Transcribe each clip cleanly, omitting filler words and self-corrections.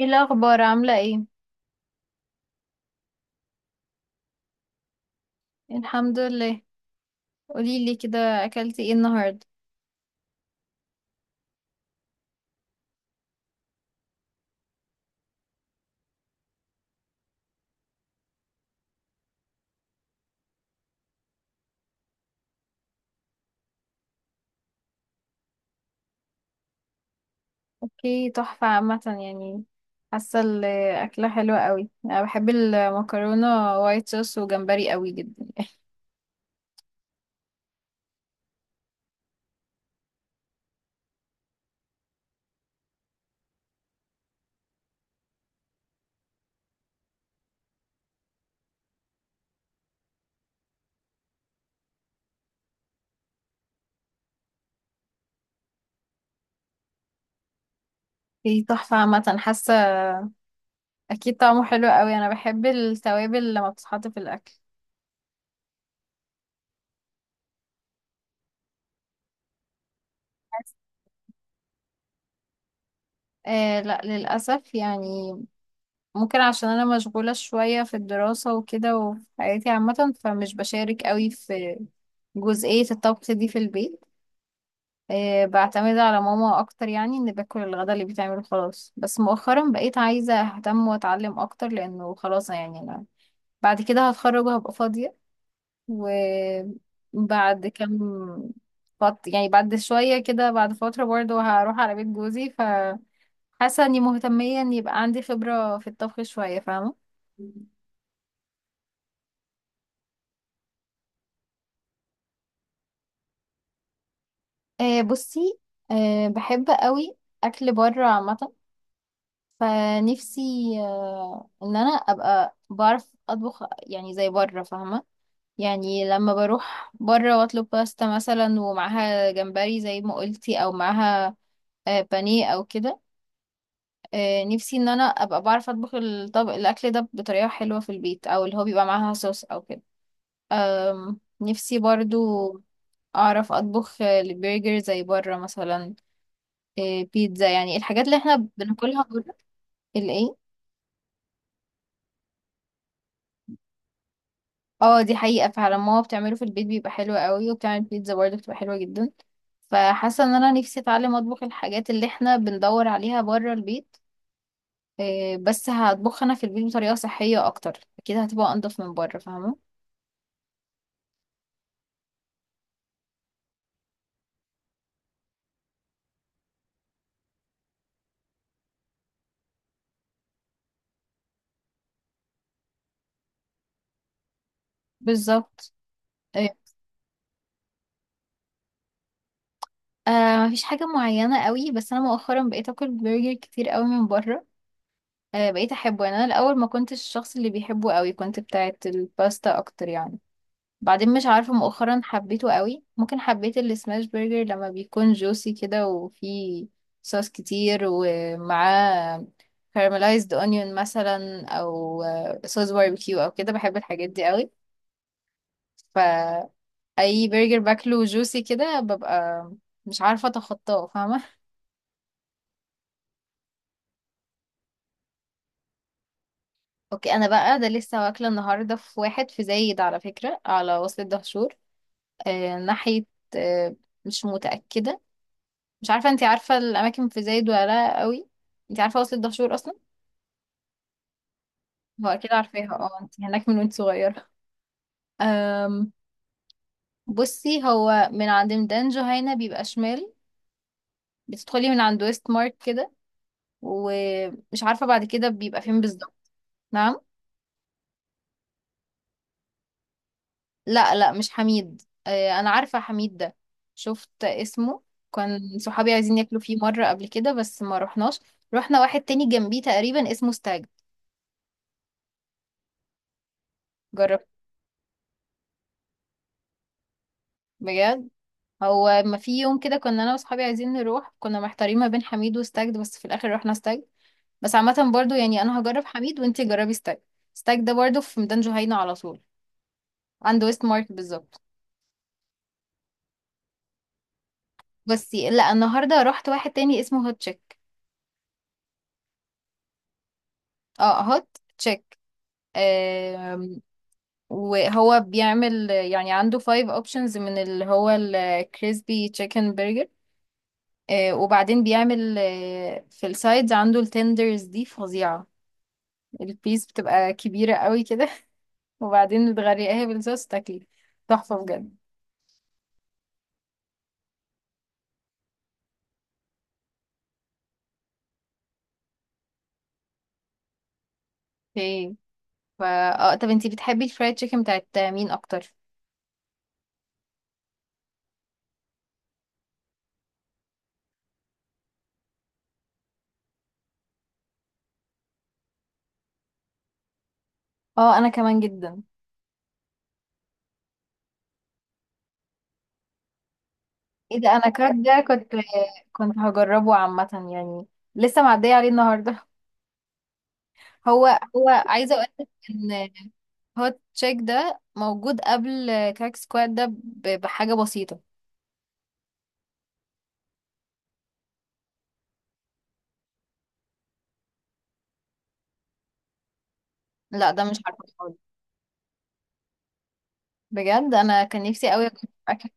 ايه الاخبار؟ عامله ايه؟ الحمد لله. قولي لي كده، اكلتي ايه النهارده؟ اوكي، تحفه عامه يعني. حاسه الاكله حلوه قوي، انا بحب المكرونه وايت صوص وجمبري قوي جدا. ايه، تحفه عامه حاسه. اكيد طعمه حلو قوي، انا بحب التوابل لما بتتحط في الاكل. آه لا، للأسف يعني. ممكن عشان أنا مشغولة شوية في الدراسة وكده وفي حياتي عامة، فمش بشارك قوي في جزئية الطبخ دي في البيت. بعتمد على ماما اكتر، يعني ان باكل الغدا اللي بيتعمل خلاص. بس مؤخرا بقيت عايزه اهتم واتعلم اكتر لانه خلاص يعني انا بعد كده هتخرج وهبقى فاضيه. وبعد كام، يعني بعد شويه كده، بعد فتره، برضه هروح على بيت جوزي، فحاسه اني مهتميه ان يبقى عندي خبره في الطبخ شويه، فاهمه. بصي، بحب قوي اكل بره عامه. فنفسي، ان انا ابقى بعرف اطبخ يعني زي بره، فاهمه. يعني لما بروح بره واطلب باستا مثلا ومعاها جمبري زي ما قلتي، او معاها بانيه او كده. نفسي ان انا ابقى بعرف اطبخ الطبق الاكل ده بطريقه حلوه في البيت، او اللي هو بيبقى معاها صوص او كده. نفسي برضو اعرف اطبخ البرجر زي بره مثلا. بيتزا، يعني الحاجات اللي احنا بناكلها بره. الايه؟ اه دي حقيقة، فعلا ماما بتعمله في البيت بيبقى حلو قوي، وبتعمل بيتزا برضه بتبقى حلوة جدا. فحاسة ان انا نفسي اتعلم اطبخ الحاجات اللي احنا بندور عليها بره البيت. إيه، بس هطبخها انا في البيت بطريقة صحية اكتر، اكيد هتبقى انضف من بره، فاهمة. بالظبط. إيه. آه، مفيش حاجة معينة قوي، بس انا مؤخرا بقيت اكل برجر كتير قوي من بره. آه بقيت احبه يعني، انا الاول ما كنتش الشخص اللي بيحبه قوي، كنت بتاعت الباستا اكتر يعني. بعدين مش عارفة مؤخرا حبيته قوي، ممكن حبيت السماش برجر لما بيكون جوسي كده وفيه صوص كتير ومعاه كارملايزد اونيون مثلا، او صوص باربيكيو او كده. بحب الحاجات دي قوي. فاي برجر باكله جوسي كده ببقى مش عارفة اتخطاه، فاهمة. اوكي، انا بقى ده لسه واكلة النهاردة في واحد في زايد، على فكرة، على وصلة دهشور. ناحية، آه، مش متأكدة، مش عارفة انتي عارفة الأماكن في زايد ولا لأ قوي. انتي عارفة وصل الدهشور أصلا؟ هو أكيد عارفاها، اه انتي هناك من وانت صغيرة. أم. بصي، هو من عند ميدان جهينة بيبقى شمال، بتدخلي من عند ويست مارك كده، ومش عارفة بعد كده بيبقى فين بالظبط. نعم؟ لا لا، مش حميد. أه أنا عارفة حميد ده، شفت اسمه، كان صحابي عايزين ياكلوا فيه مرة قبل كده بس ما رحناش. رحنا واحد تاني جنبيه تقريبا اسمه ستاج، جربت. بجد؟ هو ما في يوم كده كنا انا واصحابي عايزين نروح، كنا محتارين ما بين حميد وستاجد، بس في الاخر رحنا ستاجد. بس عامه برضو يعني انا هجرب حميد وانتي جربي ستاجد. ستاجد ده برضو في ميدان جهينة على طول، عند ويست مارك بالظبط. بس لا، النهارده رحت واحد تاني اسمه هوت تشيك. اه، هوت تشيك. آم، وهو بيعمل يعني عنده فايف اوبشنز من اللي هو الكريسبي تشيكن برجر. وبعدين بيعمل في السايدز عنده التندرز دي فظيعة. البيس بتبقى كبيرة قوي كده، وبعدين بتغرقيها بالصوص تاكلي، تحفة بجد. اوكي. فا، اه، طب انتي بتحبي الفرايد تشيكن بتاعت مين اكتر؟ اه انا كمان جدا. ايه ده، انا كراك ده كنت هجربه عامة يعني، لسه معدية عليه النهاردة. هو، هو عايزة اقولك ان هوت تشيك ده موجود قبل كراك سكواد ده بحاجة بسيطة. لا ده مش عارفة خالص. بجد انا كان نفسي قوي اجرب اكل.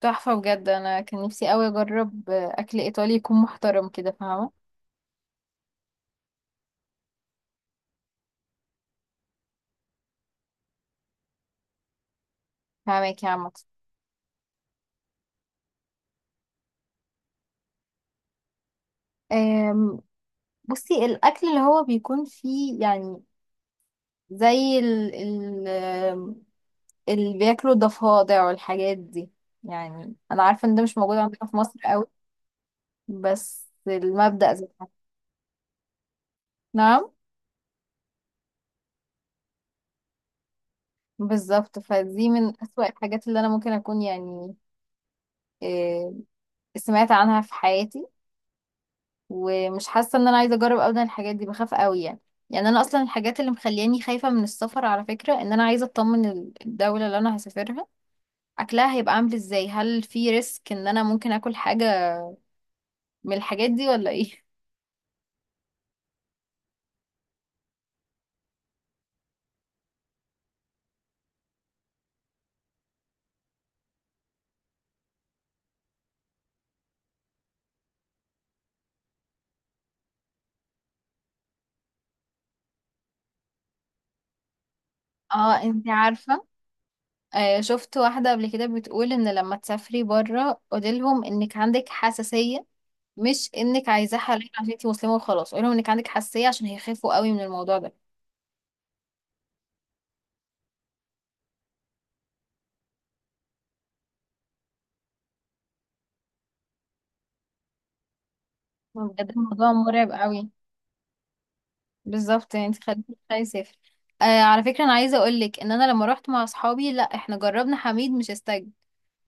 تحفة بجد، انا كان نفسي قوي اجرب اكل ايطالي يكون محترم كده، فاهمة. فاهمك يا عم. أم، بصي، الأكل اللي هو بيكون فيه يعني زي ال ال أم، اللي بياكلوا ضفادع والحاجات دي، يعني أنا عارفة إن ده مش موجود عندنا في مصر قوي، بس المبدأ زي ده. نعم. بالظبط، فدي من أسوأ الحاجات اللي أنا ممكن أكون يعني. أم، سمعت عنها في حياتي، ومش حاسة إن أنا عايزة أجرب أبدا الحاجات دي، بخاف قوي يعني. يعني أنا أصلا الحاجات اللي مخلياني خايفة من السفر، على فكرة، إن أنا عايزة أطمن الدولة اللي أنا هسافرها اكلها هيبقى عامل ازاي، هل في ريسك ان انا ممكن اكل حاجة من الحاجات دي ولا ايه. اه انتي عارفة، آه شفت واحدة قبل كده بتقول ان لما تسافري برا قوليلهم انك عندك حساسية، مش انك عايزاه حلال عشان انتي مسلمة وخلاص. قوليلهم انك عندك حساسية عشان هيخافوا قوي من الموضوع ده. بجد الموضوع مرعب قوي. بالظبط، يعني انتي خليكي تخافي يسافر. على فكرة انا عايزة اقولك ان انا لما روحت مع اصحابي لا احنا جربنا حميد مش استاج.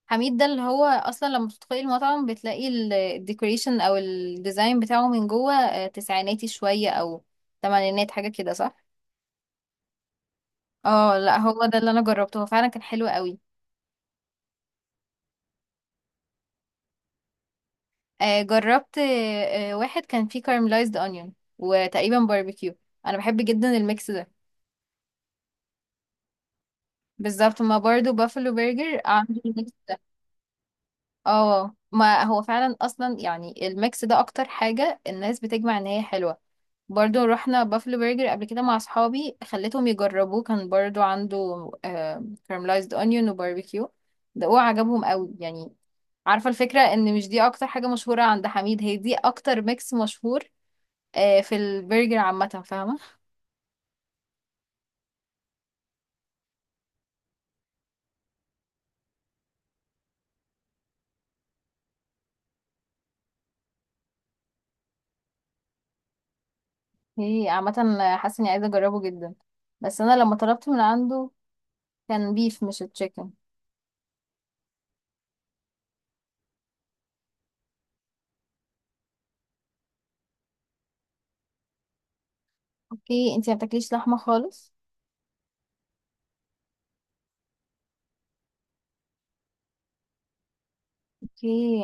حميد ده اللي هو اصلا لما بتدخلي المطعم بتلاقي الديكوريشن او الديزاين بتاعه من جوه تسعيناتي شوية او تمانينات، حاجة كده، صح؟ اه لا، هو ده اللي انا جربته، هو فعلا كان حلو قوي. جربت واحد كان فيه كارملايزد اونيون وتقريبا باربيكيو. انا بحب جدا الميكس ده. بالظبط، ما برضو بافلو برجر عنده. اه، ما هو فعلا اصلا يعني الميكس ده اكتر حاجة الناس بتجمع ان هي حلوة. برضو رحنا بافلو برجر قبل كده مع اصحابي خليتهم يجربوه، كان برضو عنده كارملايزد اونيون وباربيكيو، ده هو عجبهم قوي يعني. عارفة الفكرة ان مش دي اكتر حاجة مشهورة عند حميد، هي دي اكتر ميكس مشهور في البرجر عامة، فاهمة. هي عامة، حاسة اني عايزة اجربه جدا، بس انا لما طلبت من عنده كان بيف مش تشيكن. اوكي، انتي ما بتاكليش لحمة خالص. اوكي.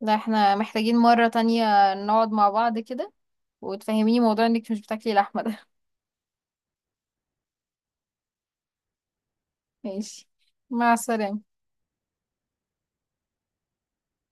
لا احنا محتاجين مرة تانية نقعد مع بعض كده وتفهميني موضوع انك مش بتاكلي لحمة ده. ماشي، مع السلامة.